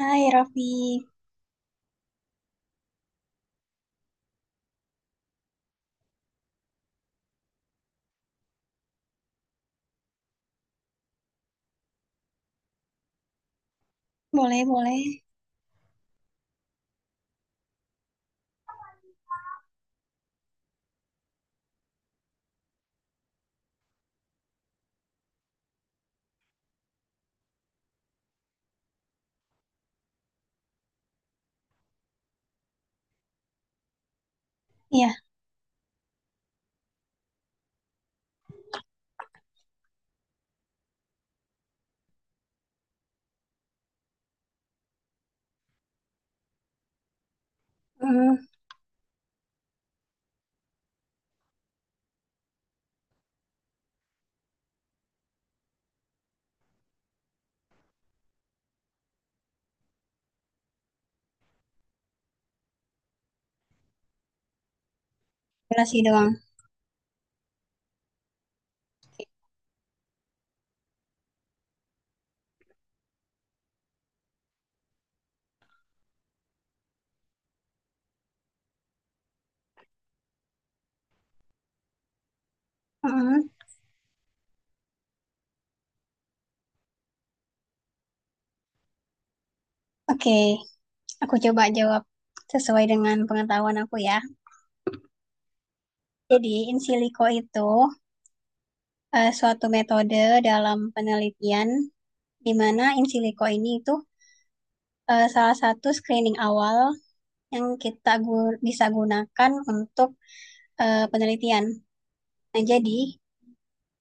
Hai Raffi, boleh boleh. Iya, mm, durasi doang. Mm. Oke, aku coba jawab sesuai dengan pengetahuan aku ya. Jadi, in silico itu suatu metode dalam penelitian di mana in silico ini itu salah satu screening awal yang kita bisa gunakan untuk penelitian. Nah, jadi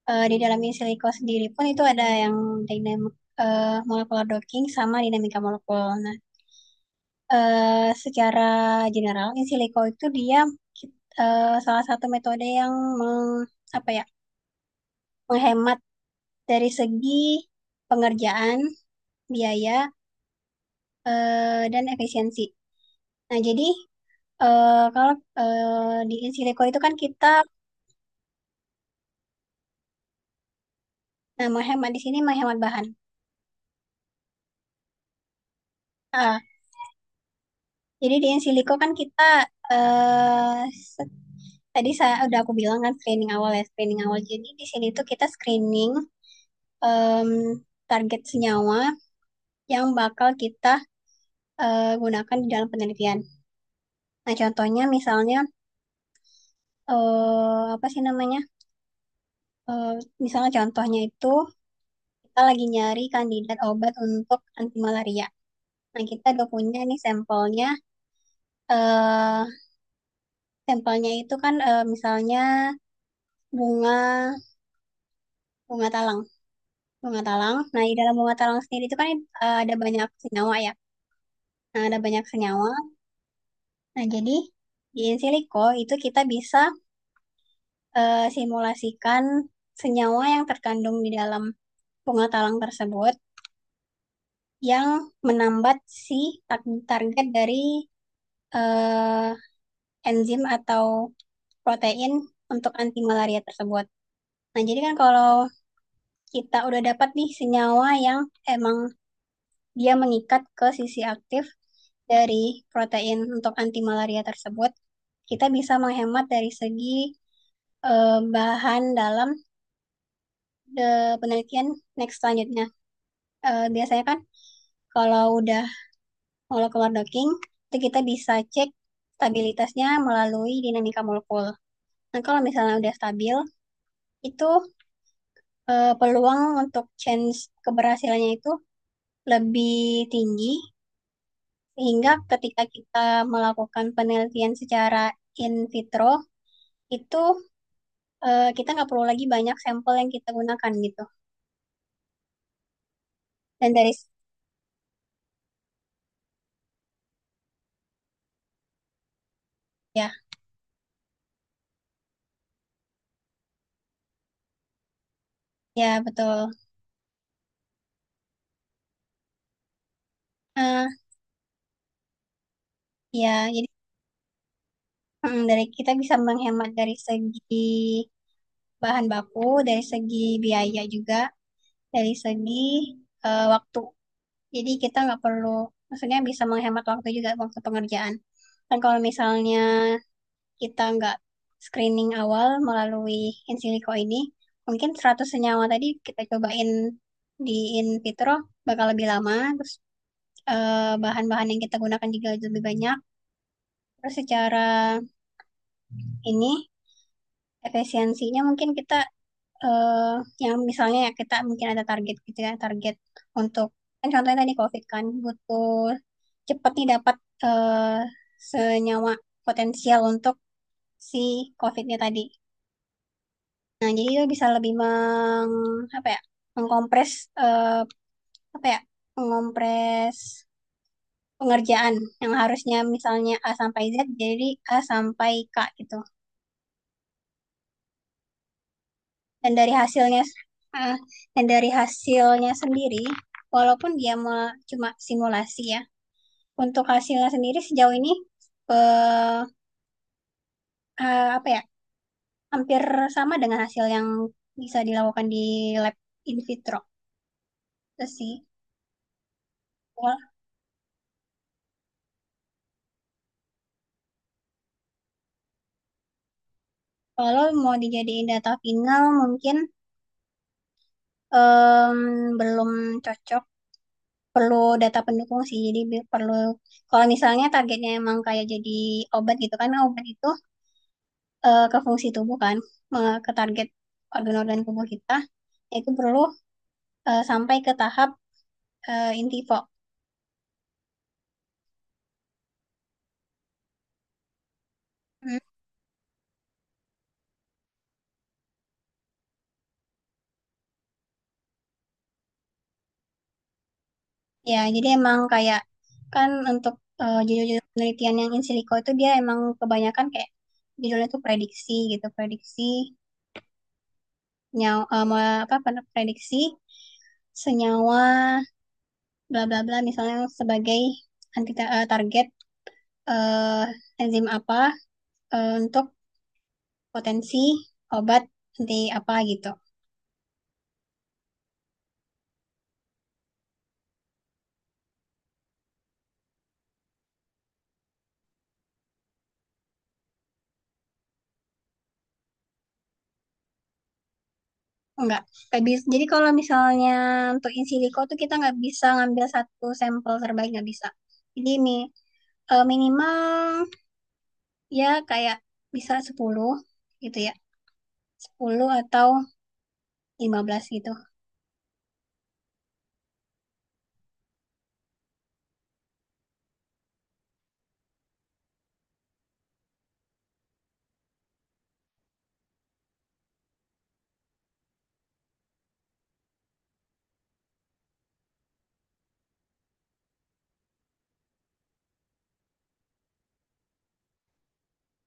di dalam in silico sendiri pun itu ada yang dinamik molecular docking sama dinamika molekul. Nah, secara general in silico itu dia salah satu metode yang meng, apa ya, menghemat dari segi pengerjaan, biaya, dan efisiensi. Nah, jadi kalau di in silico itu kan kita, nah, menghemat di sini menghemat bahan. Ah, jadi di in silico kan kita eh se- tadi saya udah aku bilang kan screening awal ya, screening awal. Jadi di sini tuh kita screening em, target senyawa yang bakal kita gunakan di dalam penelitian. Nah, contohnya misalnya, apa sih namanya? Eh, Misalnya contohnya itu kita lagi nyari kandidat obat untuk anti malaria. Nah, kita udah punya nih sampelnya. eh Sampelnya itu kan misalnya bunga bunga talang, bunga talang. Nah, di dalam bunga talang sendiri itu kan ada banyak senyawa ya. Nah, ada banyak senyawa. Nah, jadi di in silico itu kita bisa simulasikan senyawa yang terkandung di dalam bunga talang tersebut yang menambat si target dari eh, enzim atau protein untuk anti malaria tersebut. Nah, jadi kan kalau kita udah dapat nih senyawa yang emang dia mengikat ke sisi aktif dari protein untuk anti malaria tersebut, kita bisa menghemat dari segi bahan dalam penelitian next selanjutnya. Biasanya kan kalau udah molekul keluar docking, itu kita bisa cek stabilitasnya melalui dinamika molekul. Nah, kalau misalnya udah stabil, itu peluang untuk chance keberhasilannya itu lebih tinggi, sehingga ketika kita melakukan penelitian secara in vitro, itu kita nggak perlu lagi banyak sampel yang kita gunakan gitu. Dan dari, ya, ya betul. Nah, ya jadi dari kita bisa menghemat dari segi bahan baku, dari segi biaya juga, dari segi waktu. Jadi kita nggak perlu, maksudnya bisa menghemat waktu juga, waktu pengerjaan. Dan kalau misalnya kita nggak screening awal melalui in silico ini, mungkin 100 senyawa tadi kita cobain di in vitro bakal lebih lama, terus bahan-bahan yang kita gunakan juga lebih banyak. Terus secara ini efisiensinya mungkin kita, eh yang misalnya, ya, kita mungkin ada target gitu ya, target untuk, kan contohnya tadi COVID kan butuh cepat nih dapat eh senyawa potensial untuk si COVID-nya tadi. Nah, jadi itu bisa lebih apa ya? Mengkompres, eh apa ya, mengompres pengerjaan yang harusnya misalnya A sampai Z jadi A sampai K gitu. dan dari hasilnya eh, dan dari hasilnya sendiri, walaupun dia cuma simulasi ya, untuk hasilnya sendiri sejauh ini eh, apa ya, hampir sama dengan hasil yang bisa dilakukan di lab in vitro itu sih. Wal- Kalau mau dijadiin data final mungkin em, belum cocok, perlu data pendukung sih, jadi perlu kalau misalnya targetnya emang kayak jadi obat. Gitu kan, obat itu ke fungsi tubuh kan, ke target organ-organ tubuh kita, itu perlu sampai ke tahap in vivo. Hmm. Ya, jadi emang kayak, kan untuk judul-judul penelitian yang in silico itu dia emang kebanyakan kayak judulnya tuh prediksi gitu. Prediksi nyawa, apa, prediksi senyawa bla bla bla, misalnya sebagai anti, target, enzim apa untuk potensi obat anti apa gitu. Enggak. Nggak bisa. Jadi kalau misalnya untuk in silico tuh kita nggak bisa ngambil satu sampel terbaik, nggak bisa. Jadi minimal ya kayak bisa 10 gitu ya. 10 atau 15 gitu.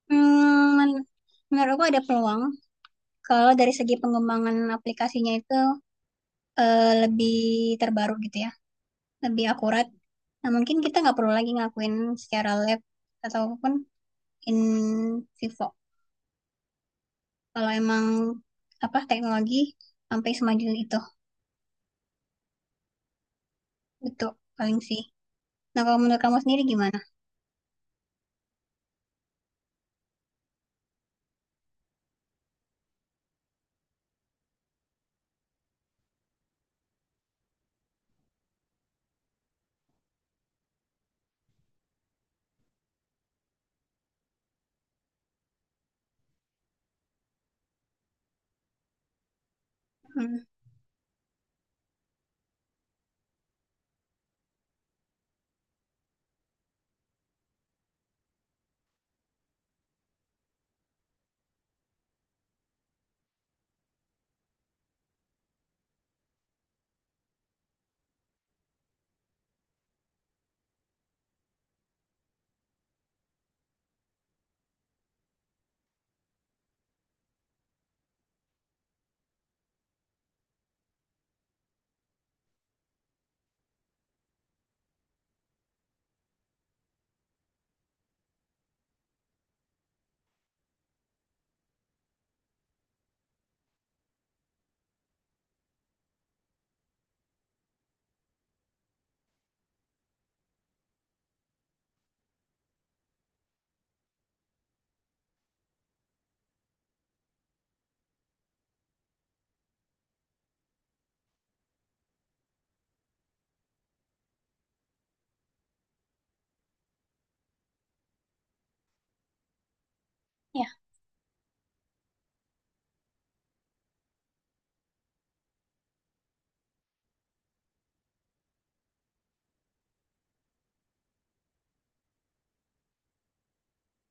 Hmm, men- Menurutku ada peluang kalau dari segi pengembangan aplikasinya itu lebih terbaru gitu ya. Lebih akurat. Nah, mungkin kita nggak perlu lagi ngakuin secara lab ataupun in vivo. Kalau emang apa, teknologi sampai semaju itu, betul, paling sih. Nah, kalau menurut kamu sendiri gimana? hmm, Ya,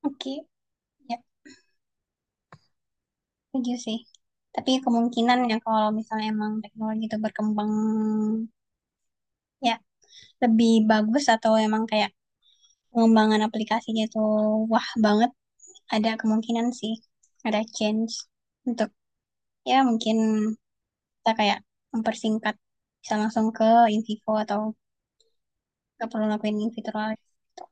oke, ya, setuju sih, tapi kemungkinan ya, kalau misalnya emang teknologi itu berkembang ya lebih bagus, atau emang kayak pengembangan aplikasinya itu wah banget, ada kemungkinan sih ada change untuk, ya mungkin kita kayak mempersingkat, bisa langsung ke in vivo atau nggak perlu lakuin in vitro lagi. Gitu.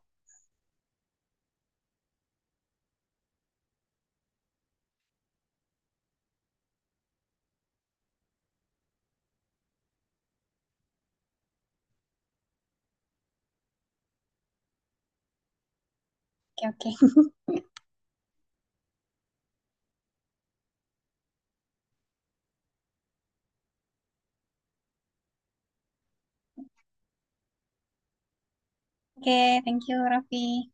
Oke, oke. Oke, thank you, Raffi.